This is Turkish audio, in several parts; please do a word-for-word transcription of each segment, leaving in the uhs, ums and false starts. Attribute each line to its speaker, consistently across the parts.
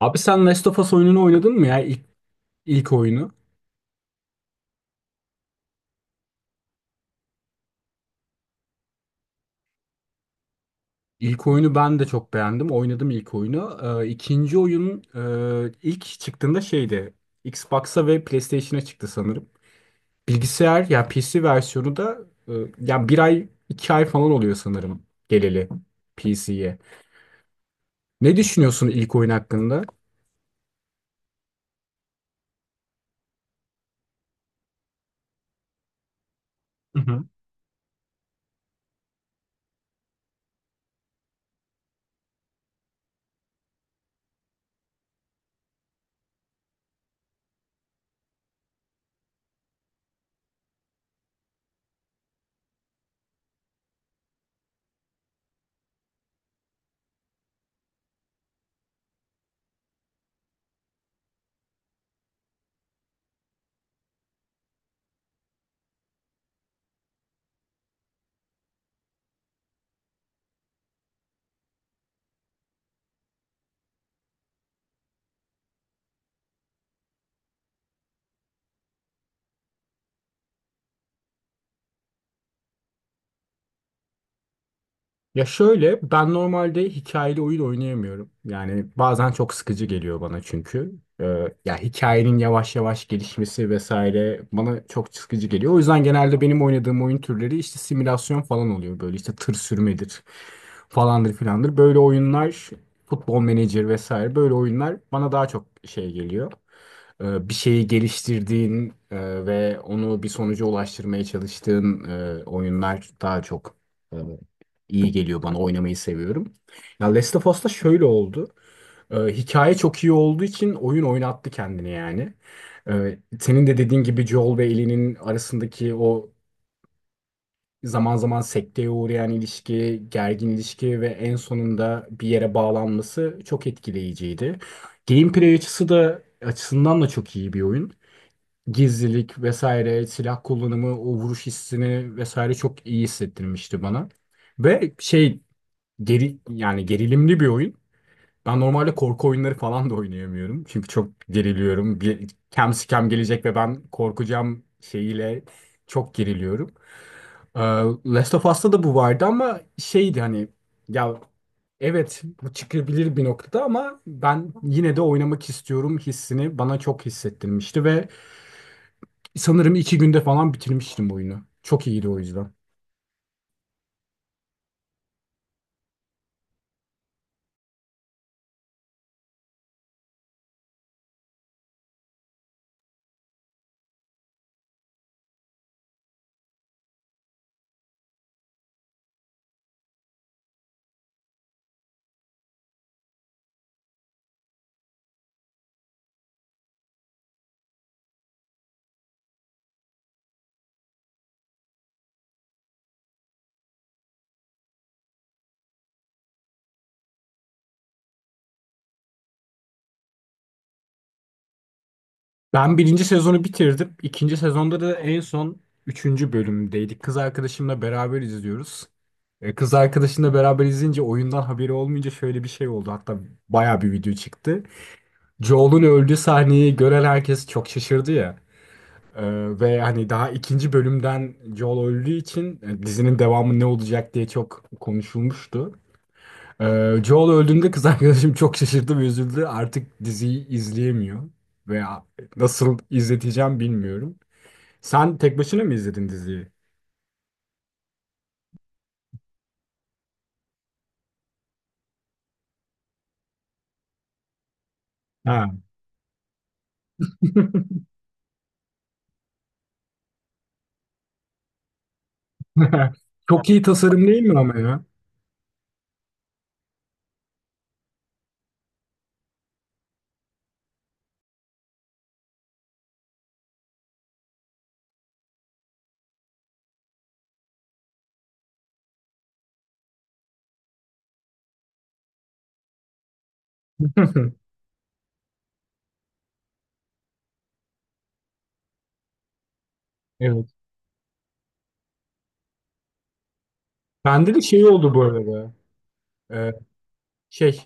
Speaker 1: Abi sen Last of Us oyununu oynadın mı ya? İlk, ilk oyunu. İlk oyunu ben de çok beğendim. Oynadım ilk oyunu. Ee, ikinci oyun e, ilk çıktığında şeydi. Xbox'a ve PlayStation'a çıktı sanırım. Bilgisayar ya P C versiyonu da e, ya bir ay iki ay falan oluyor sanırım geleli P C'ye. Ne düşünüyorsun ilk oyun hakkında? Ya şöyle ben normalde hikayeli oyun oynayamıyorum. Yani bazen çok sıkıcı geliyor bana çünkü. Ee, ya hikayenin yavaş yavaş gelişmesi vesaire bana çok sıkıcı geliyor. O yüzden genelde benim oynadığım oyun türleri işte simülasyon falan oluyor. Böyle işte tır sürmedir falandır filandır. Böyle oyunlar futbol menajer vesaire böyle oyunlar bana daha çok şey geliyor. Ee, bir şeyi geliştirdiğin e, ve onu bir sonuca ulaştırmaya çalıştığın e, oyunlar daha çok e, iyi geliyor bana oynamayı seviyorum. Ya Last of Us'ta şöyle oldu. Ee, hikaye çok iyi olduğu için oyun oynattı kendini yani. Ee, senin de dediğin gibi Joel ve Ellie'nin arasındaki o zaman zaman sekteye uğrayan ilişki, gergin ilişki ve en sonunda bir yere bağlanması çok etkileyiciydi. Gameplay açısı da açısından da çok iyi bir oyun. Gizlilik vesaire, silah kullanımı, o vuruş hissini vesaire çok iyi hissettirmişti bana. Ve şey geri yani gerilimli bir oyun. Ben normalde korku oyunları falan da oynayamıyorum. Çünkü çok geriliyorum. Bir kem sikem gelecek ve ben korkacağım şeyiyle çok geriliyorum. Ee, Last of Us'ta da bu vardı ama şeydi hani ya evet bu çıkabilir bir noktada ama ben yine de oynamak istiyorum hissini bana çok hissettirmişti ve sanırım iki günde falan bitirmiştim oyunu. Çok iyiydi o yüzden. Ben birinci sezonu bitirdim. İkinci sezonda da en son üçüncü bölümdeydik. Kız arkadaşımla beraber izliyoruz. E, Kız arkadaşımla beraber izleyince oyundan haberi olmayınca şöyle bir şey oldu. Hatta baya bir video çıktı. Joel'un öldüğü sahneyi gören herkes çok şaşırdı ya. E, ve hani daha ikinci bölümden Joel öldüğü için e, dizinin devamı ne olacak diye çok konuşulmuştu. Ee, Joel öldüğünde kız arkadaşım çok şaşırdı ve üzüldü. Artık diziyi izleyemiyor veya nasıl izleteceğim bilmiyorum. Sen tek başına mı izledin diziyi? Ha. Çok iyi tasarım değil mi ama ya? Evet. Bende de şey oldu bu arada. Ee, şey,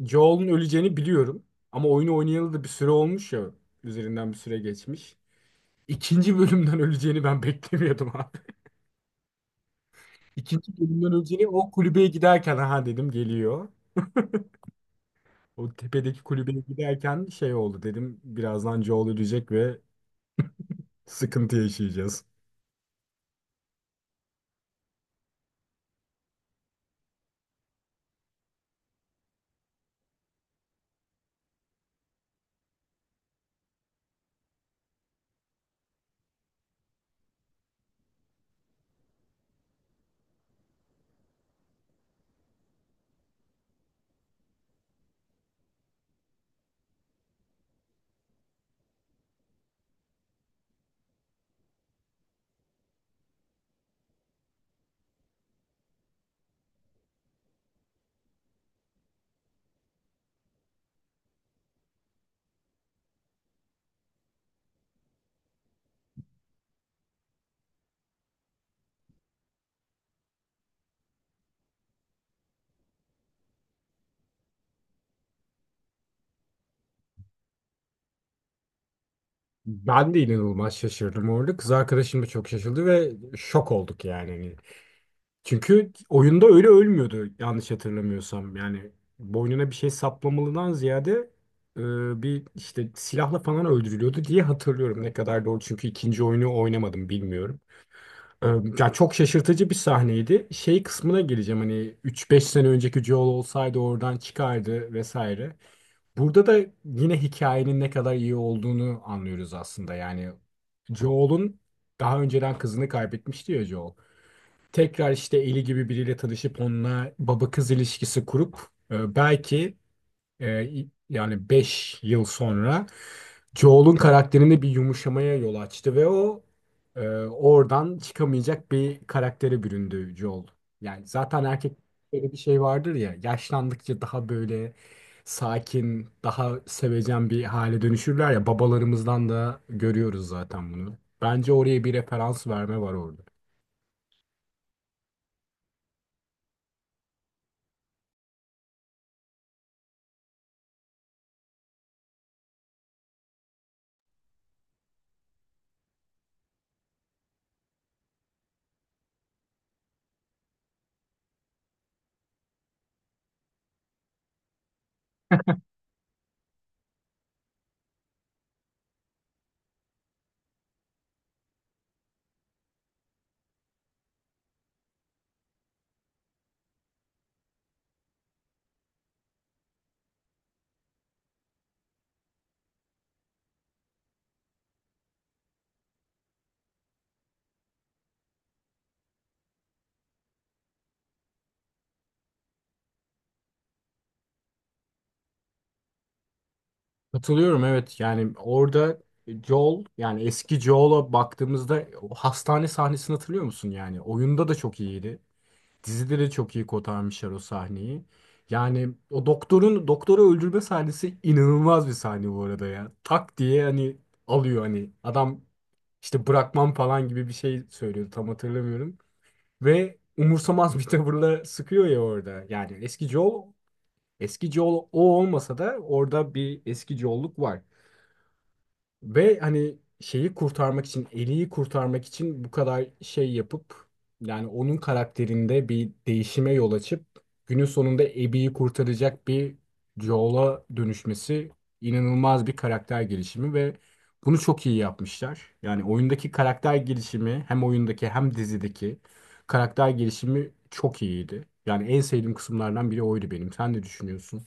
Speaker 1: Joel'un öleceğini biliyorum. Ama oyunu oynayalı da bir süre olmuş ya. Üzerinden bir süre geçmiş. İkinci bölümden öleceğini ben beklemiyordum abi. İkinci bölümden öleceğini o kulübeye giderken ha dedim geliyor. O tepedeki kulübeye giderken şey oldu dedim birazdan Joel ölecek ve sıkıntı yaşayacağız. Ben de inanılmaz şaşırdım orada. Kız arkadaşım da çok şaşırdı ve şok olduk yani. Hani çünkü oyunda öyle ölmüyordu yanlış hatırlamıyorsam. Yani boynuna bir şey saplamalıdan ziyade e, bir işte silahla falan öldürülüyordu diye hatırlıyorum. Ne kadar doğru çünkü ikinci oyunu oynamadım bilmiyorum. Ee, Ya çok şaşırtıcı bir sahneydi. Şey kısmına geleceğim hani üç beş sene önceki Joel olsaydı oradan çıkardı vesaire. Burada da yine hikayenin ne kadar iyi olduğunu anlıyoruz aslında. Yani Joel'un daha önceden kızını kaybetmişti ya Joel. Tekrar işte Ellie gibi biriyle tanışıp onunla baba kız ilişkisi kurup e, belki e, yani beş yıl sonra Joel'un karakterinde bir yumuşamaya yol açtı ve o e, oradan çıkamayacak bir karaktere büründü Joel. Yani zaten erkek böyle bir şey vardır ya yaşlandıkça daha böyle sakin, daha sevecen bir hale dönüşürler ya babalarımızdan da görüyoruz zaten bunu. Bence oraya bir referans verme var orada. Katılıyorum evet yani orada Joel yani eski Joel'a baktığımızda o hastane sahnesini hatırlıyor musun yani oyunda da çok iyiydi. Dizide de çok iyi kotarmışlar o sahneyi. Yani o doktorun doktoru öldürme sahnesi inanılmaz bir sahne bu arada ya. Tak diye hani alıyor hani adam işte bırakmam falan gibi bir şey söylüyordu tam hatırlamıyorum. Ve umursamaz bir tavırla sıkıyor ya orada. Yani eski Joel eski Joel o olmasa da orada bir eski Joel'luk var. Ve hani şeyi kurtarmak için, Ellie'yi kurtarmak için bu kadar şey yapıp yani onun karakterinde bir değişime yol açıp günün sonunda Abby'yi kurtaracak bir Joel'a dönüşmesi inanılmaz bir karakter gelişimi ve bunu çok iyi yapmışlar. Yani oyundaki karakter gelişimi hem oyundaki hem dizideki karakter gelişimi çok iyiydi. Yani en sevdiğim kısımlardan biri oydu benim. Sen ne düşünüyorsun?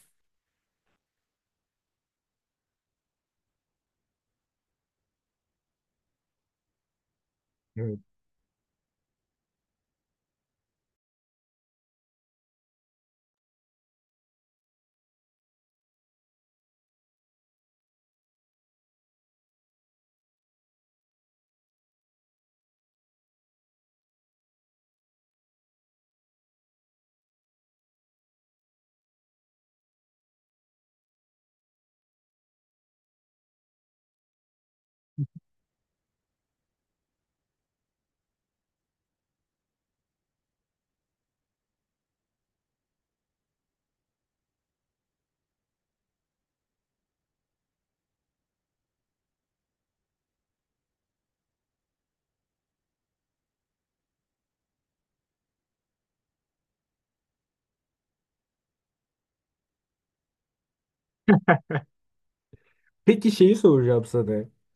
Speaker 1: Peki şeyi soracağım sana.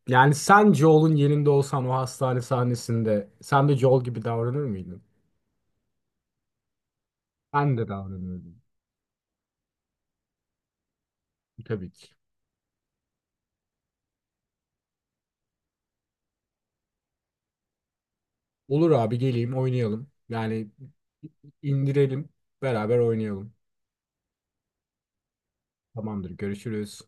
Speaker 1: Yani sen Joel'un yerinde olsan o hastane sahnesinde sen de Joel gibi davranır mıydın? Ben de davranırdım. Tabii ki. Olur abi geleyim oynayalım. Yani indirelim beraber oynayalım. Tamamdır görüşürüz.